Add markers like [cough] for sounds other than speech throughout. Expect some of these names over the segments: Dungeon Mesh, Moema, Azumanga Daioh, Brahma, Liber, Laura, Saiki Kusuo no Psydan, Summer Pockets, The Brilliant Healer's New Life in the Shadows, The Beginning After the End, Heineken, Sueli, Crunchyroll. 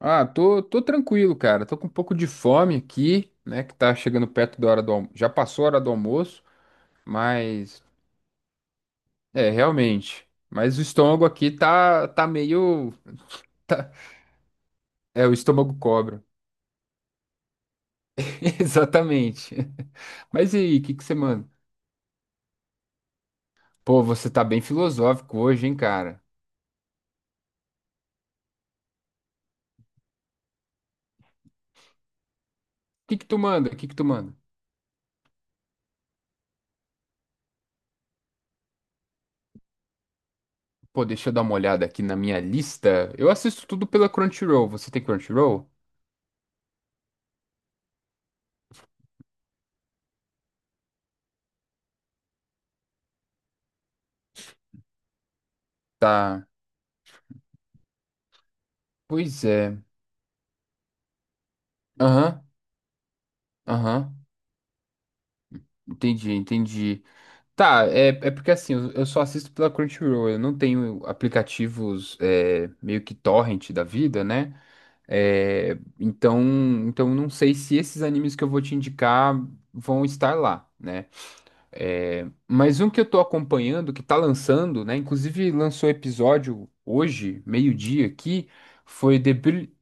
Ah, tô tranquilo, cara. Tô com um pouco de fome aqui, né? Que tá chegando perto da hora do almoço. Já passou a hora do almoço, mas é, realmente. Mas o estômago aqui tá meio. É, o estômago cobra. [laughs] Exatamente. Mas e aí, o que que você manda? Pô, você tá bem filosófico hoje, hein, cara? O que que tu manda? O que que tu manda? Pô, deixa eu dar uma olhada aqui na minha lista. Eu assisto tudo pela Crunchyroll. Você tem Crunchyroll? Tá. Pois é. Aham, aham. Entendi, entendi. Tá, é porque assim, eu só assisto pela Crunchyroll. Eu não tenho aplicativos, meio que torrent da vida, né? É, então não sei se esses animes que eu vou te indicar vão estar lá, né? É, mas um que eu tô acompanhando, que tá lançando, né? Inclusive lançou episódio hoje, meio-dia aqui, foi The Bri-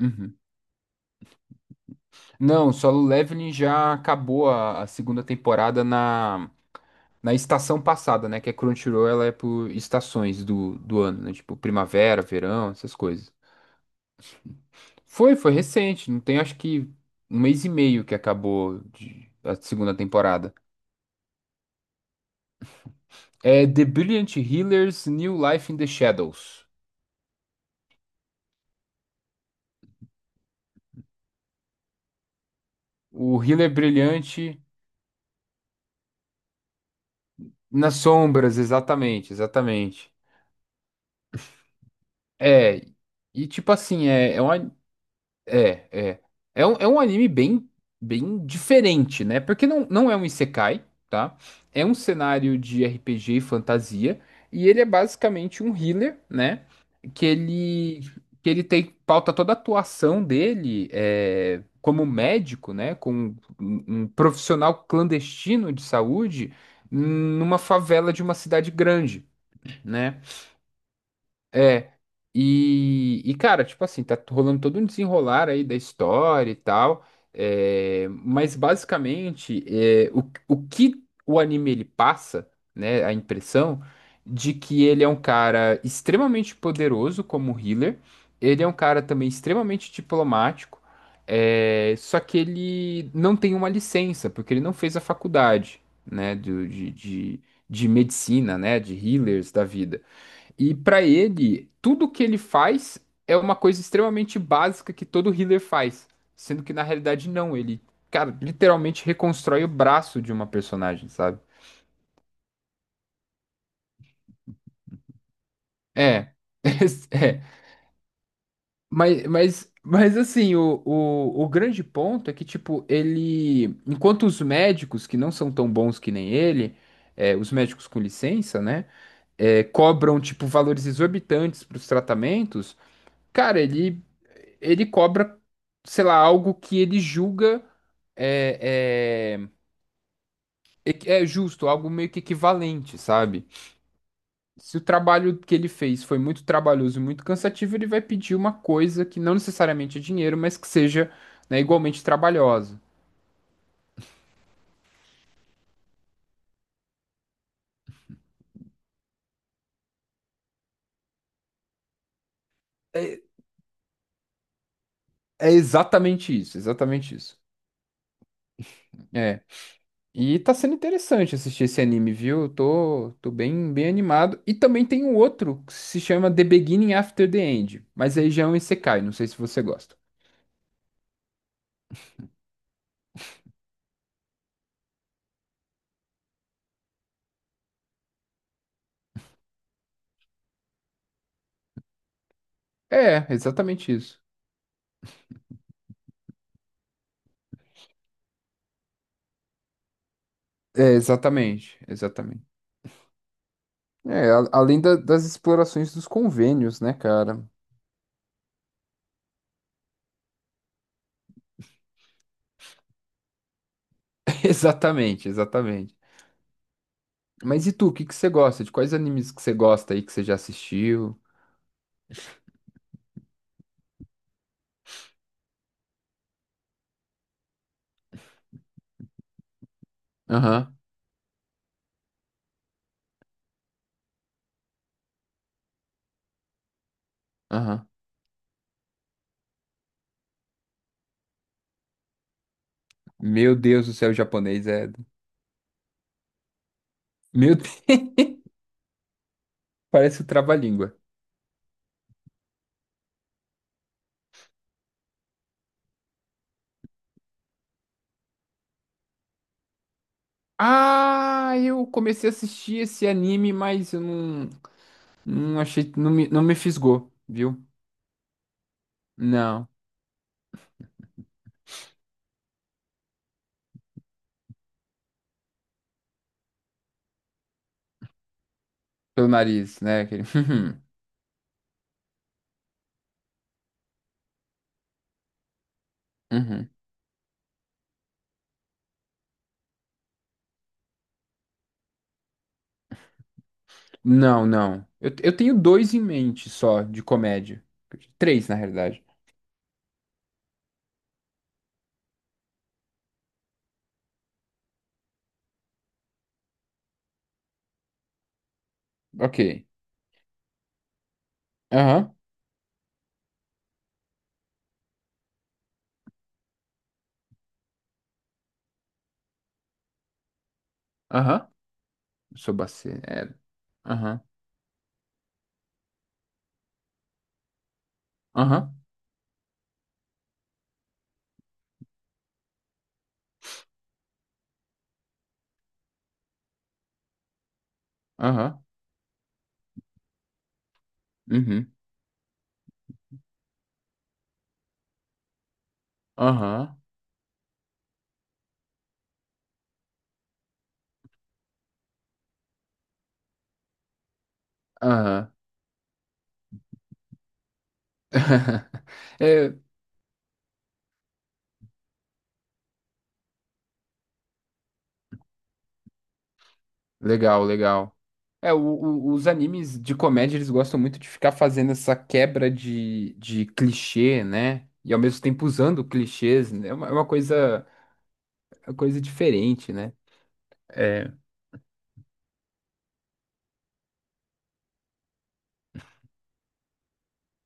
Uhum. Não, Solo Leveling já acabou a segunda temporada na estação passada, né? Que a Crunchyroll, ela é por estações do ano, né? Tipo primavera, verão, essas coisas. Foi recente. Não tem acho que um mês e meio que acabou a segunda temporada. É The Brilliant Healer's New Life in the Shadows. O Healer Brilhante nas sombras, exatamente, exatamente. É, e tipo assim, É, é. É um anime bem, bem diferente, né? Porque não, não é um isekai, tá? É um cenário de RPG e fantasia. E ele é basicamente um healer, né? Que ele, que ele tem, pauta toda a atuação dele, como médico, né? Como um profissional clandestino de saúde numa favela de uma cidade grande, né? É. Cara, tipo assim, tá rolando todo um desenrolar aí da história e tal. É, mas basicamente, o que o anime ele passa, né? A impressão de que ele é um cara extremamente poderoso como healer. Ele é um cara também extremamente diplomático. É, só que ele não tem uma licença, porque ele não fez a faculdade, né? De medicina, né? De healers da vida. E para ele, tudo que ele faz é uma coisa extremamente básica que todo healer faz, sendo que na realidade não, ele, cara, literalmente reconstrói o braço de uma personagem, sabe? É. [laughs] É. Mas assim, o grande ponto é que, tipo, ele. Enquanto os médicos, que não são tão bons que nem ele, os médicos com licença, né? É, cobram, tipo, valores exorbitantes para os tratamentos. Cara, ele cobra, sei lá, algo que ele julga é, é, é justo, algo meio que equivalente, sabe? Se o trabalho que ele fez foi muito trabalhoso e muito cansativo, ele vai pedir uma coisa que não necessariamente é dinheiro, mas que seja, né, igualmente trabalhosa. É, é exatamente isso, exatamente isso. É. E tá sendo interessante assistir esse anime, viu? Eu tô bem, bem animado. E também tem um outro que se chama The Beginning After the End, mas aí já é um isekai, não sei se você gosta. É, exatamente isso. É, exatamente, exatamente. É, além das explorações dos convênios, né, cara? [laughs] Exatamente, exatamente. Mas e tu, o que que você gosta? De quais animes que você gosta aí que você já assistiu? Aham, aham. Meu Deus do céu, o japonês é. Meu Deus, [laughs] parece o trava-língua. Ah, eu comecei a assistir esse anime, mas eu não achei, não me fisgou, viu? Não, pelo nariz, né? Aquele [laughs] Uhum. Não, não. Eu tenho dois em mente só de comédia. Três, na realidade. Ok. Aham, aham. Sobacê. É. Aham, aham, aham, uhum, aham, aham. [laughs] É, legal, legal. É, os animes de comédia, eles gostam muito de ficar fazendo essa quebra de clichê, né? E ao mesmo tempo usando clichês, né? É uma coisa diferente, né? É.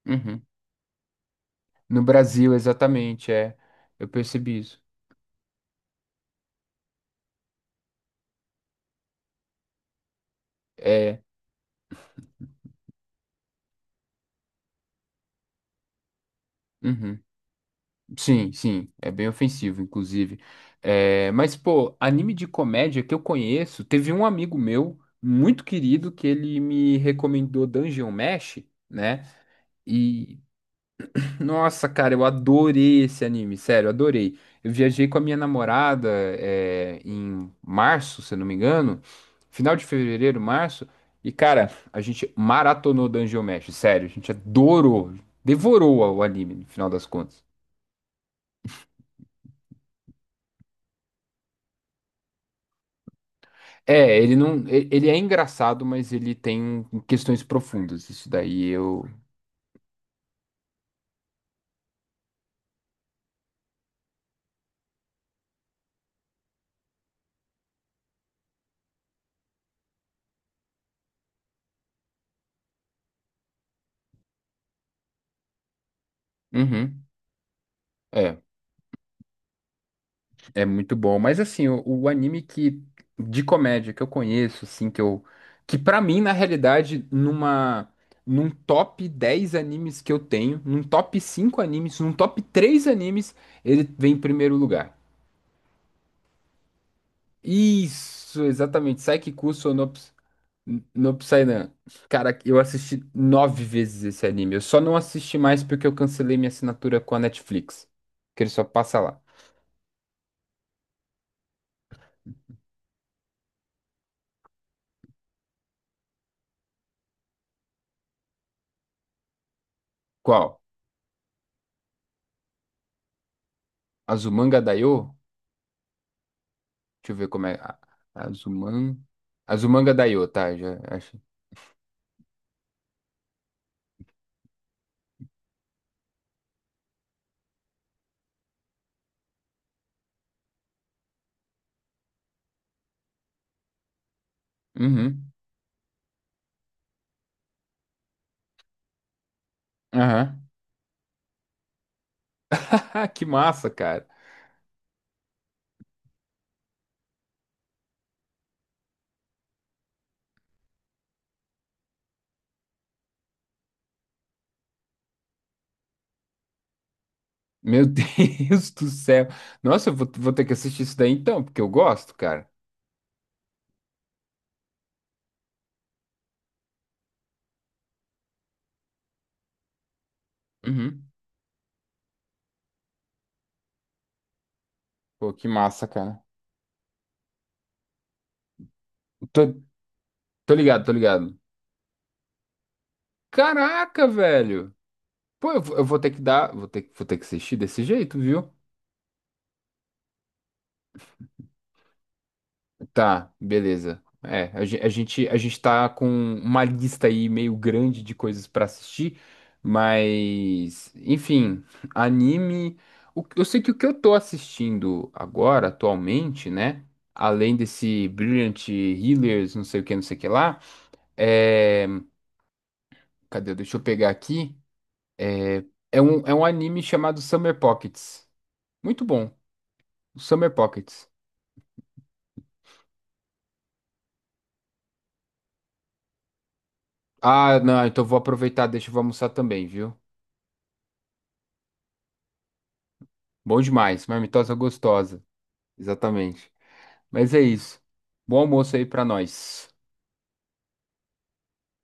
Uhum. No Brasil, exatamente, é. Eu percebi isso. É. Uhum. Sim, sim, é bem ofensivo, inclusive. É, mas, pô, anime de comédia que eu conheço, teve um amigo meu, muito querido, que ele me recomendou Dungeon Mesh, né? E, nossa, cara, eu adorei esse anime, sério, adorei. Eu viajei com a minha namorada, em março, se eu não me engano, final de fevereiro, março. E, cara, a gente maratonou Dungeon Mesh, sério, a gente adorou, devorou o anime, no final das contas. É, ele não. Ele é engraçado, mas ele tem, questões profundas. Isso daí eu. Uhum. É, é muito bom. Mas assim, o anime que de comédia que eu conheço, assim, que eu. Que pra mim, na realidade, numa. Num top 10 animes que eu tenho, num top 5 animes, num top 3 animes, ele vem em primeiro lugar. Isso, exatamente. Saiki Kusuo no No Psydan. Cara, eu assisti nove vezes esse anime. Eu só não assisti mais porque eu cancelei minha assinatura com a Netflix. Que ele só passa lá. Qual? Azumanga Daioh? Deixa eu ver como é. Azuman... Azumanga Daioh, tá? Já acho. Uhum. Aham. [laughs] Que massa, cara. Meu [laughs] Deus do céu. Nossa, eu vou ter que assistir isso daí então, porque eu gosto, cara. Uhum. Pô, que massa, cara. Tô, tô ligado, tô ligado. Caraca, velho. Pô, eu vou ter que dar, vou ter que assistir desse jeito, viu? Tá, beleza. É, a gente tá com uma lista aí meio grande de coisas pra assistir, mas, enfim, anime. Eu sei que o que eu tô assistindo agora, atualmente, né? Além desse Brilliant Healers, não sei o que, não sei o que lá, é. Cadê? Deixa eu pegar aqui. É um anime chamado Summer Pockets. Muito bom, Summer Pockets. Ah, não, então vou aproveitar, deixa eu vou almoçar também, viu? Bom demais, marmitosa gostosa. Exatamente. Mas é isso. Bom almoço aí pra nós.